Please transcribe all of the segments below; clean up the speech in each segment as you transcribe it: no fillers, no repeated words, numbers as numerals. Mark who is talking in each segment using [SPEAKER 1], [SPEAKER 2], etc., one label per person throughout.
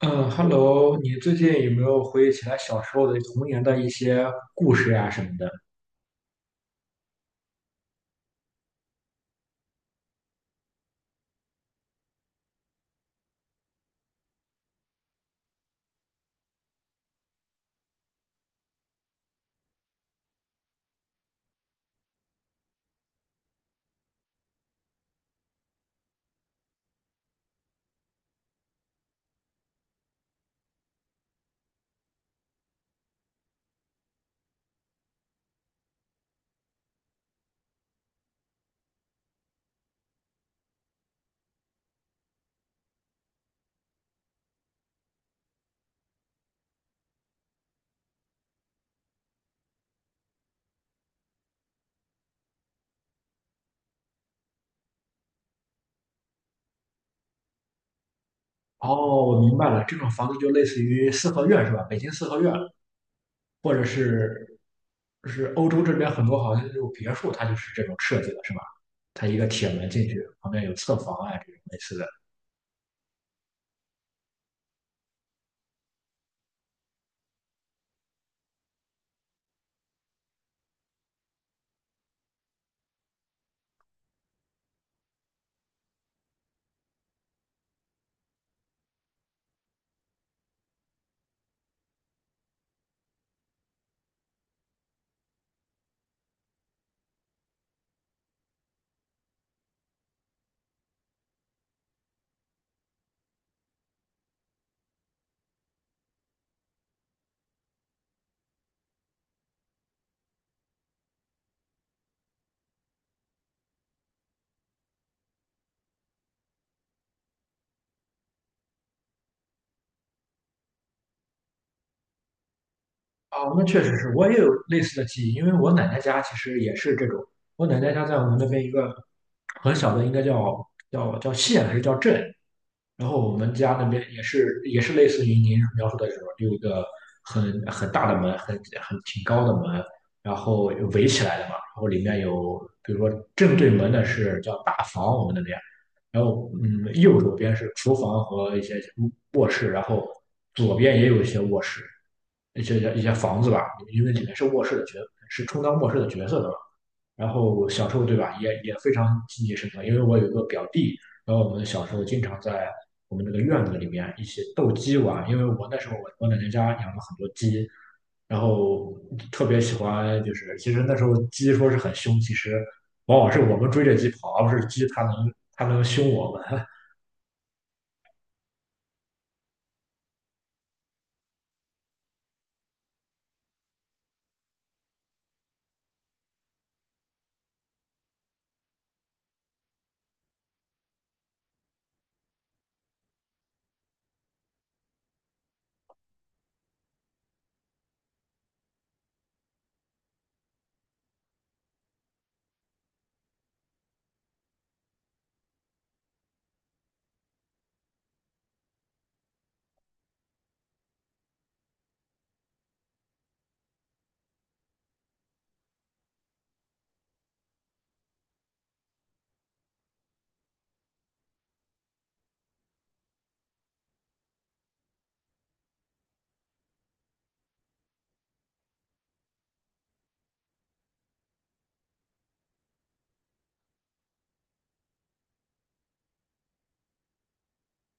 [SPEAKER 1] 嗯，Hello，你最近有没有回忆起来小时候的童年的一些故事呀、什么的？哦，我明白了，这种房子就类似于四合院是吧？北京四合院，或者是是欧洲这边很多好像那种别墅，它就是这种设计的，是吧？它一个铁门进去，旁边有侧房啊，这种类似的。哦，那确实是，我也有类似的记忆，因为我奶奶家其实也是这种。我奶奶家在我们那边一个很小的，应该叫县还是叫镇，然后我们家那边也是类似于您描述的这种，有一个很大的门，很挺高的门，然后围起来的嘛，然后里面有，比如说正对门的是叫大房，我们那边，然后嗯，右手边是厨房和一些卧室，然后左边也有一些卧室，一些房子吧，因为里面是卧室的角，是充当卧室的角色的嘛。然后小时候对吧，也非常记忆深刻，因为我有一个表弟，然后我们小时候经常在我们这个院子里面一起斗鸡玩，因为我那时候我奶奶家养了很多鸡，然后特别喜欢，就是其实那时候鸡说是很凶，其实往往是我们追着鸡跑，而不是鸡它能它能凶我们。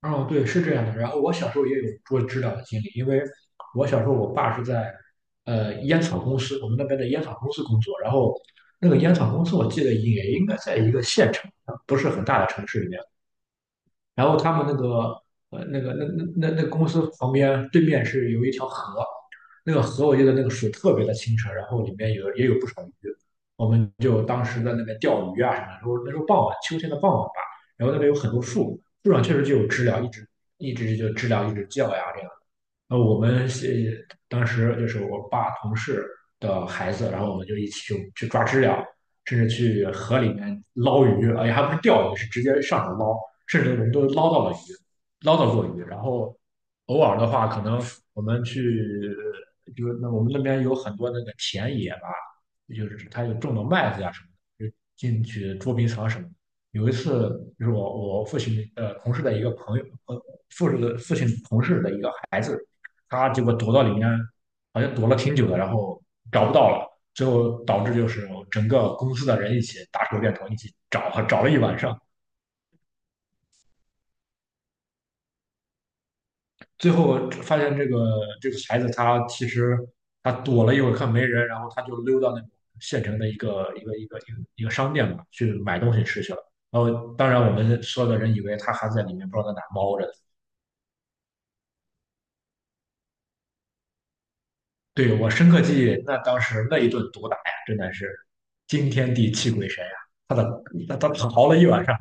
[SPEAKER 1] 哦，对，是这样的。然后我小时候也有捉知了的经历，因为我小时候我爸是在烟草公司，我们那边的烟草公司工作，然后那个烟草公司我记得也应该在一个县城，不是很大的城市里面。然后他们那个那个那个公司旁边对面是有一条河，那个河我记得那个水特别的清澈，然后里面也有不少鱼，我们就当时在那边钓鱼啊什么的，那时候傍晚秋天的傍晚吧，然后那边有很多树，树上确实就有知了，一直就知了一直叫呀这样。我们是当时就是我爸同事的孩子，然后我们就一起去抓知了，甚至去河里面捞鱼，哎且还不是钓鱼，是直接上手捞，甚至我们都捞到了鱼，捞到过鱼。然后偶尔的话，可能我们去，就是那我们那边有很多那个田野吧，就是他有种的麦子呀、什么的，就进去捉迷藏什么的。有一次，就是我父亲同事的一个朋友，父亲同事的一个孩子。他结果躲到里面，好像躲了挺久的，然后找不到了，最后导致就是整个公司的人一起打手电筒，一起找，找了一晚上，最后发现这个孩子他其实他躲了一会儿，看没人，然后他就溜到那种县城的一个商店嘛，去买东西吃去了。然后当然我们所有的人以为他还在里面，不知道在哪猫着。对，我深刻记忆，那当时那一顿毒打呀，真的是惊天地泣鬼神呀！他的他他逃了一晚上。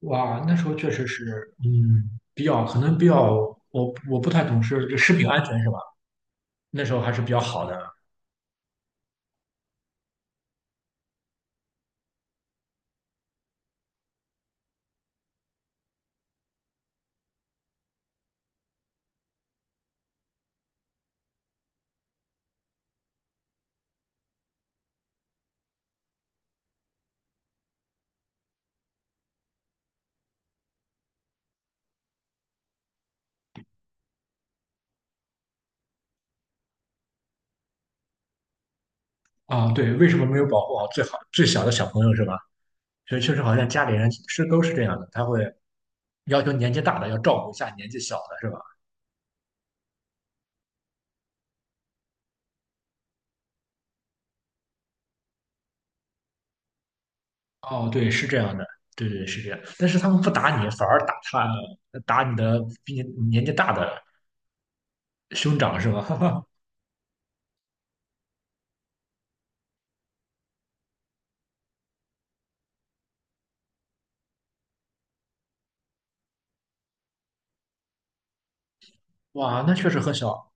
[SPEAKER 1] 哇，那时候确实是，嗯，比较可能比较，我不太懂事，就食品安全是吧？那时候还是比较好的啊。对，为什么没有保护好最好最小的小朋友是吧？所以确实好像家里人是都是这样的，他会要求年纪大的要照顾一下年纪小的是吧？哦，对，是这样的，对是这样。但是他们不打你，反而打你的比你年纪大的兄长是吧？哇，那确实很小，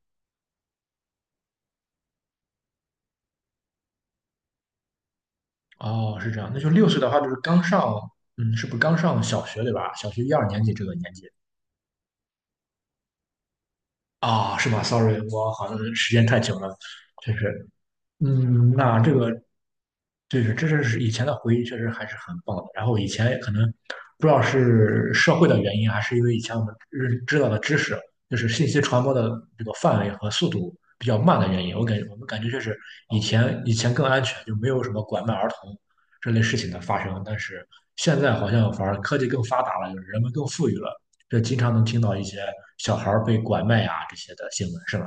[SPEAKER 1] 哦，是这样，那就六岁的话就是刚上，嗯，是不是刚上小学对吧？小学一二年级这个年纪啊，是吗？Sorry,我好像时间太久了，确实，嗯，那这个对，这是以前的回忆，确实还是很棒的。然后以前可能不知道是社会的原因，还是因为以前我们认知道的知识，就是信息传播的这个范围和速度比较慢的原因。我感觉我们感觉就是以前更安全，就没有什么拐卖儿童这类事情的发生。但是现在好像反而科技更发达了，就是人们更富裕了，这经常能听到一些小孩儿被拐卖啊这些的新闻，是吧？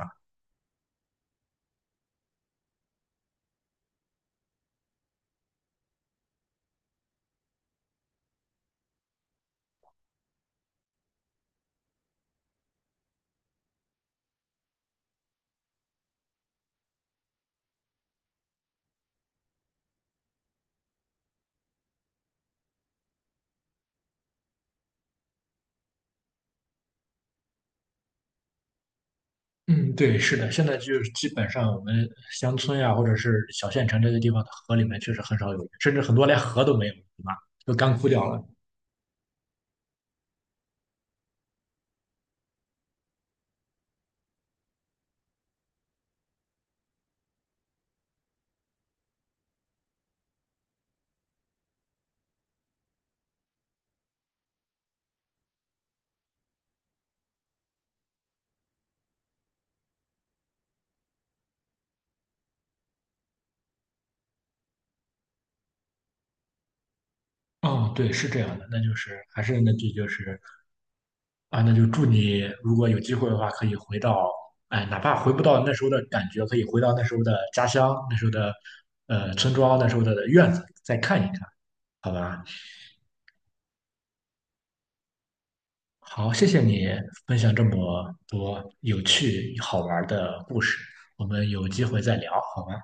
[SPEAKER 1] 嗯，对，是的，现在就是基本上我们乡村呀，或者是小县城这些地方的河里面，确实很少有，甚至很多连河都没有，对吧？都干枯掉了。嗯，对，是这样的，那就是还是那句就是啊，那就祝你如果有机会的话，可以回到，哎，哪怕回不到那时候的感觉，可以回到那时候的家乡，那时候的村庄，那时候的院子，再看一看，好吧？好，谢谢你分享这么多有趣好玩的故事，我们有机会再聊，好吗？